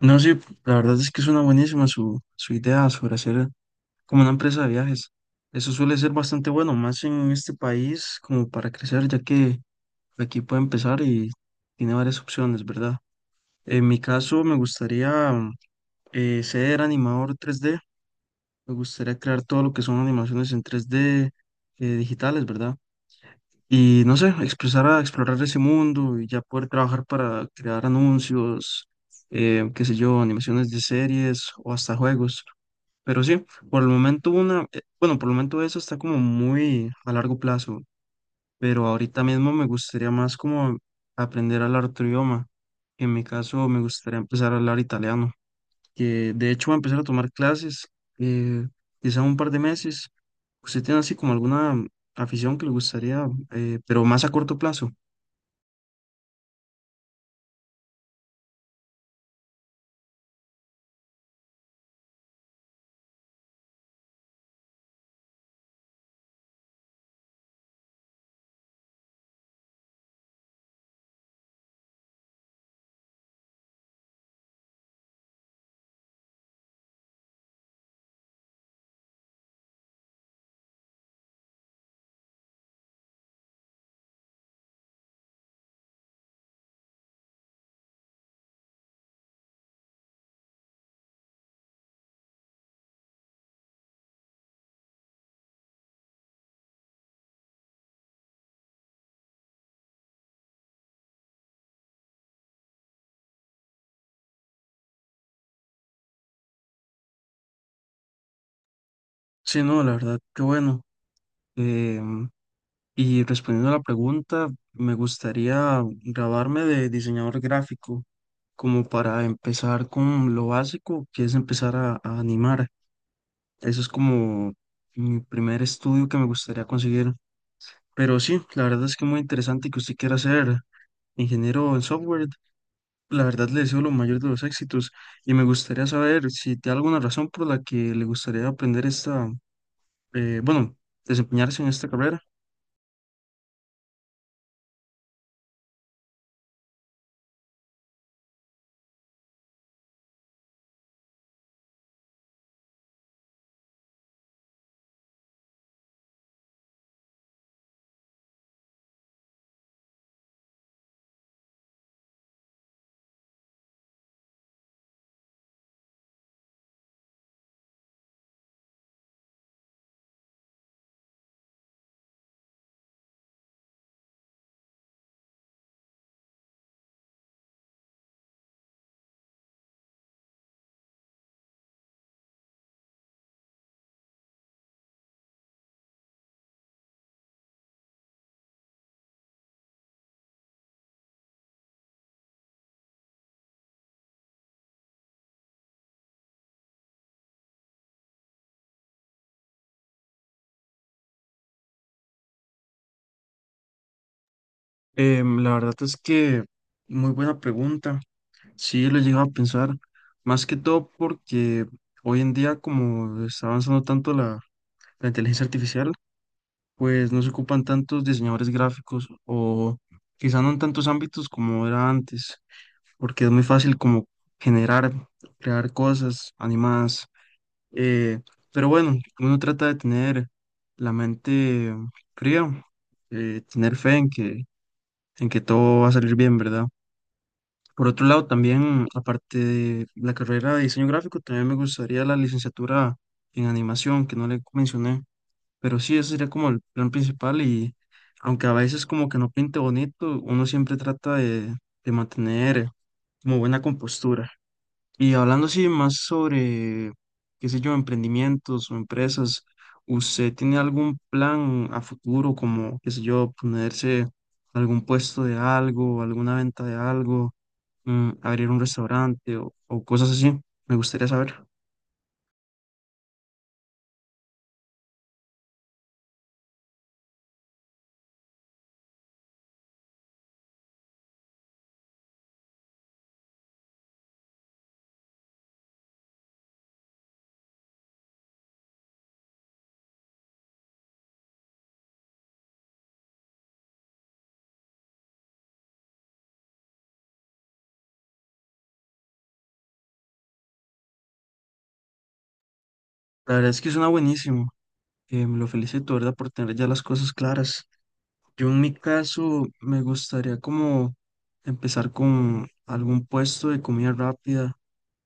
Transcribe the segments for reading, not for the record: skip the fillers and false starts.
No, sí, la verdad es que suena buenísima su idea sobre hacer como una empresa de viajes. Eso suele ser bastante bueno, más en este país como para crecer, ya que aquí puede empezar y tiene varias opciones, ¿verdad? En mi caso me gustaría ser animador 3D, me gustaría crear todo lo que son animaciones en 3D digitales, ¿verdad? Y no sé, expresar a explorar ese mundo y ya poder trabajar para crear anuncios, qué sé yo, animaciones de series o hasta juegos. Pero sí, por el momento una, por el momento eso está como muy a largo plazo, pero ahorita mismo me gustaría más como aprender a hablar otro idioma. En mi caso me gustaría empezar a hablar italiano, que de hecho voy a empezar a tomar clases, eh, quizá un par de meses. ¿Usted tiene así como alguna afición que le gustaría, pero más a corto plazo? Sí, no, la verdad, qué bueno. em, Y respondiendo a la pregunta, me gustaría graduarme de diseñador gráfico, como para empezar con lo básico, que es empezar a animar. Eso es como mi primer estudio que me gustaría conseguir. Pero sí, la verdad es que muy interesante que usted quiera ser ingeniero en software. La verdad le deseo lo mayor de los éxitos y me gustaría saber si tiene alguna razón por la que le gustaría aprender esta, eh, bueno, desempeñarse en esta carrera. La verdad es que muy buena pregunta. Sí, lo he llegado a pensar, más que todo porque hoy en día, como está avanzando tanto la inteligencia artificial, pues no se ocupan tantos diseñadores gráficos o quizá no en tantos ámbitos como era antes, porque es muy fácil como generar, crear cosas animadas. eh, pero bueno, uno trata de tener la mente fría, tener fe en que todo va a salir bien, ¿verdad? Por otro lado, también, aparte de la carrera de diseño gráfico, también me gustaría la licenciatura en animación, que no le mencioné, pero sí, ese sería como el plan principal y aunque a veces como que no pinte bonito, uno siempre trata de mantener como buena compostura. Y hablando así más sobre, qué sé yo, emprendimientos o empresas, ¿usted tiene algún plan a futuro como, qué sé yo, ponerse algún puesto de algo, alguna venta de algo, abrir un restaurante o cosas así? Me gustaría saber. La verdad es que suena buenísimo. Me lo felicito, ¿verdad? Por tener ya las cosas claras. Yo en mi caso me gustaría como empezar con algún puesto de comida rápida,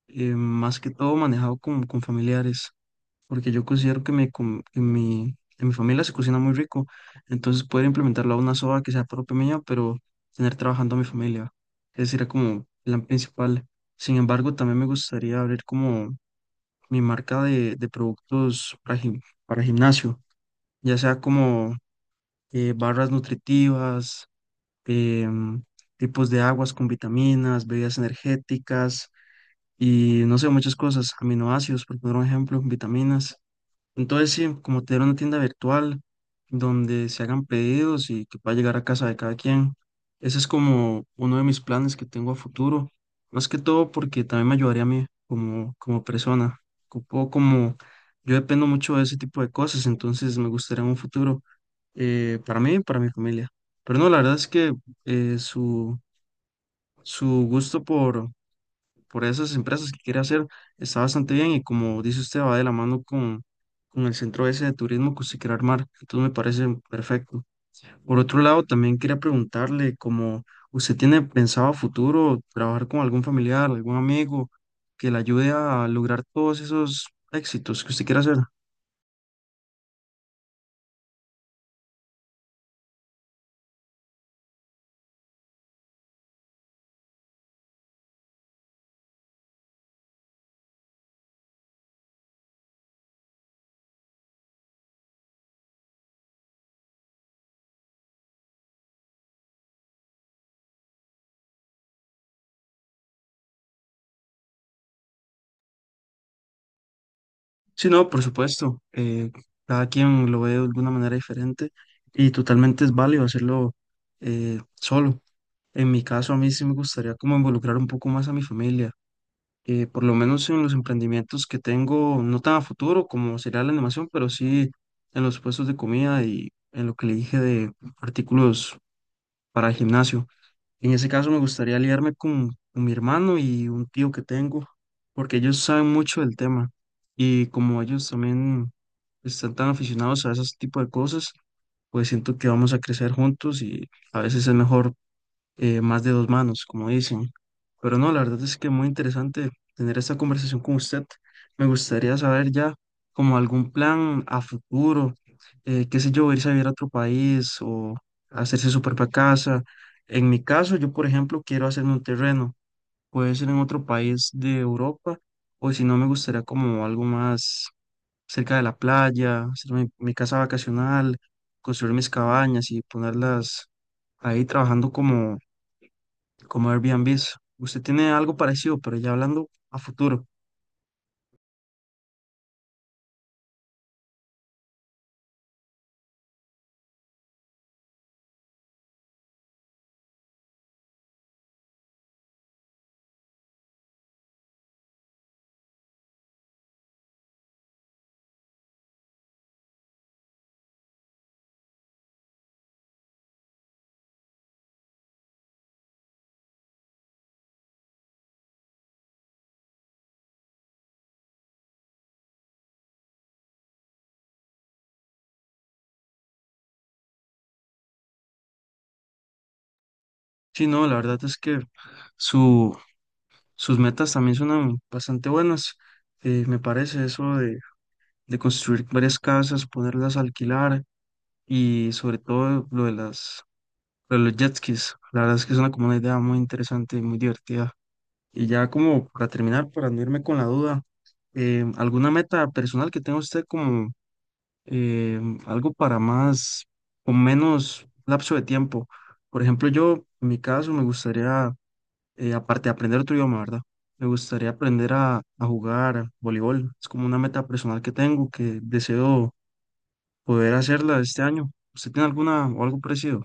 más que todo manejado con familiares, porque yo considero que, mi com- que mi- en mi familia se cocina muy rico, entonces poder implementarlo a una soba que sea propia mía, pero tener trabajando a mi familia, ese sería como plan principal. Sin embargo, también me gustaría abrir como mi marca de productos para, para gimnasio, ya sea como barras nutritivas, em, tipos de aguas con vitaminas, bebidas energéticas y no sé, muchas cosas, aminoácidos, por poner un ejemplo, vitaminas. Entonces, sí, como tener una tienda virtual donde se hagan pedidos y que pueda llegar a casa de cada quien. Ese es como uno de mis planes que tengo a futuro, más que todo porque también me ayudaría a mí como, como persona. Ocupo como yo dependo mucho de ese tipo de cosas, entonces me gustaría un futuro para mí y para mi familia. Pero no, la verdad es que eh, su, su gusto por esas empresas que quiere hacer, está bastante bien y como dice usted, va de la mano con el centro ese de turismo que usted quiere armar, entonces me parece perfecto. Por otro lado, también quería preguntarle como usted tiene pensado a futuro trabajar con algún familiar, algún amigo que le ayude a lograr todos esos éxitos que usted quiere hacer. Sí, no, por supuesto, cada quien lo ve de alguna manera diferente y totalmente es válido hacerlo solo. En mi caso, a mí sí me gustaría como involucrar un poco más a mi familia, por lo menos en los emprendimientos que tengo, no tan a futuro como sería la animación, pero sí en los puestos de comida y en lo que le dije de artículos para el gimnasio. En ese caso me gustaría aliarme con mi hermano y un tío que tengo, porque ellos saben mucho del tema y como ellos también están tan aficionados a ese tipo de cosas, pues siento que vamos a crecer juntos y a veces es mejor más de dos manos, como dicen. Pero no, la verdad es que muy interesante tener esta conversación con usted. Me gustaría saber ya como algún plan a futuro, qué sé yo, irse a vivir a otro país o hacerse su propia casa. En mi caso, yo por ejemplo quiero hacerme un terreno, puede ser en otro país de Europa o si no me gustaría como algo más cerca de la playa, hacer mi casa vacacional, construir mis cabañas y ponerlas ahí trabajando como Airbnb. Usted tiene algo parecido, pero ya hablando a futuro. Sí, no, la verdad es que su, sus metas también son bastante buenas. Me parece eso de construir varias casas, ponerlas a alquilar y sobre todo lo de lo de los jet skis. La verdad es que es una como una idea muy interesante y muy divertida. Y ya como para terminar, para no irme con la duda, ¿alguna meta personal que tenga usted como eh, algo para más, con menos lapso de tiempo? Por ejemplo, yo, en mi caso, me gustaría, aparte de aprender otro idioma, ¿verdad? Me gustaría aprender a jugar voleibol. Es como una meta personal que tengo, que deseo poder hacerla este año. ¿Usted tiene alguna o algo parecido?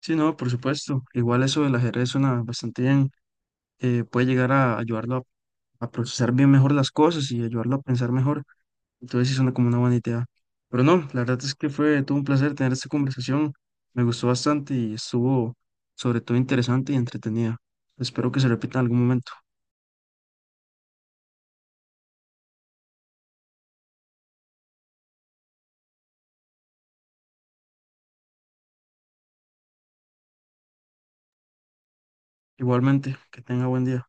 Sí, no, por supuesto. Igual eso del ajedrez suena bastante bien. Puede llegar a ayudarlo a procesar bien mejor las cosas y ayudarlo a pensar mejor. Entonces sí suena como una buena idea. Pero no, la verdad es que fue todo un placer tener esta conversación. Me gustó bastante y estuvo sobre todo interesante y entretenida. Espero que se repita en algún momento. Igualmente, que tenga buen día.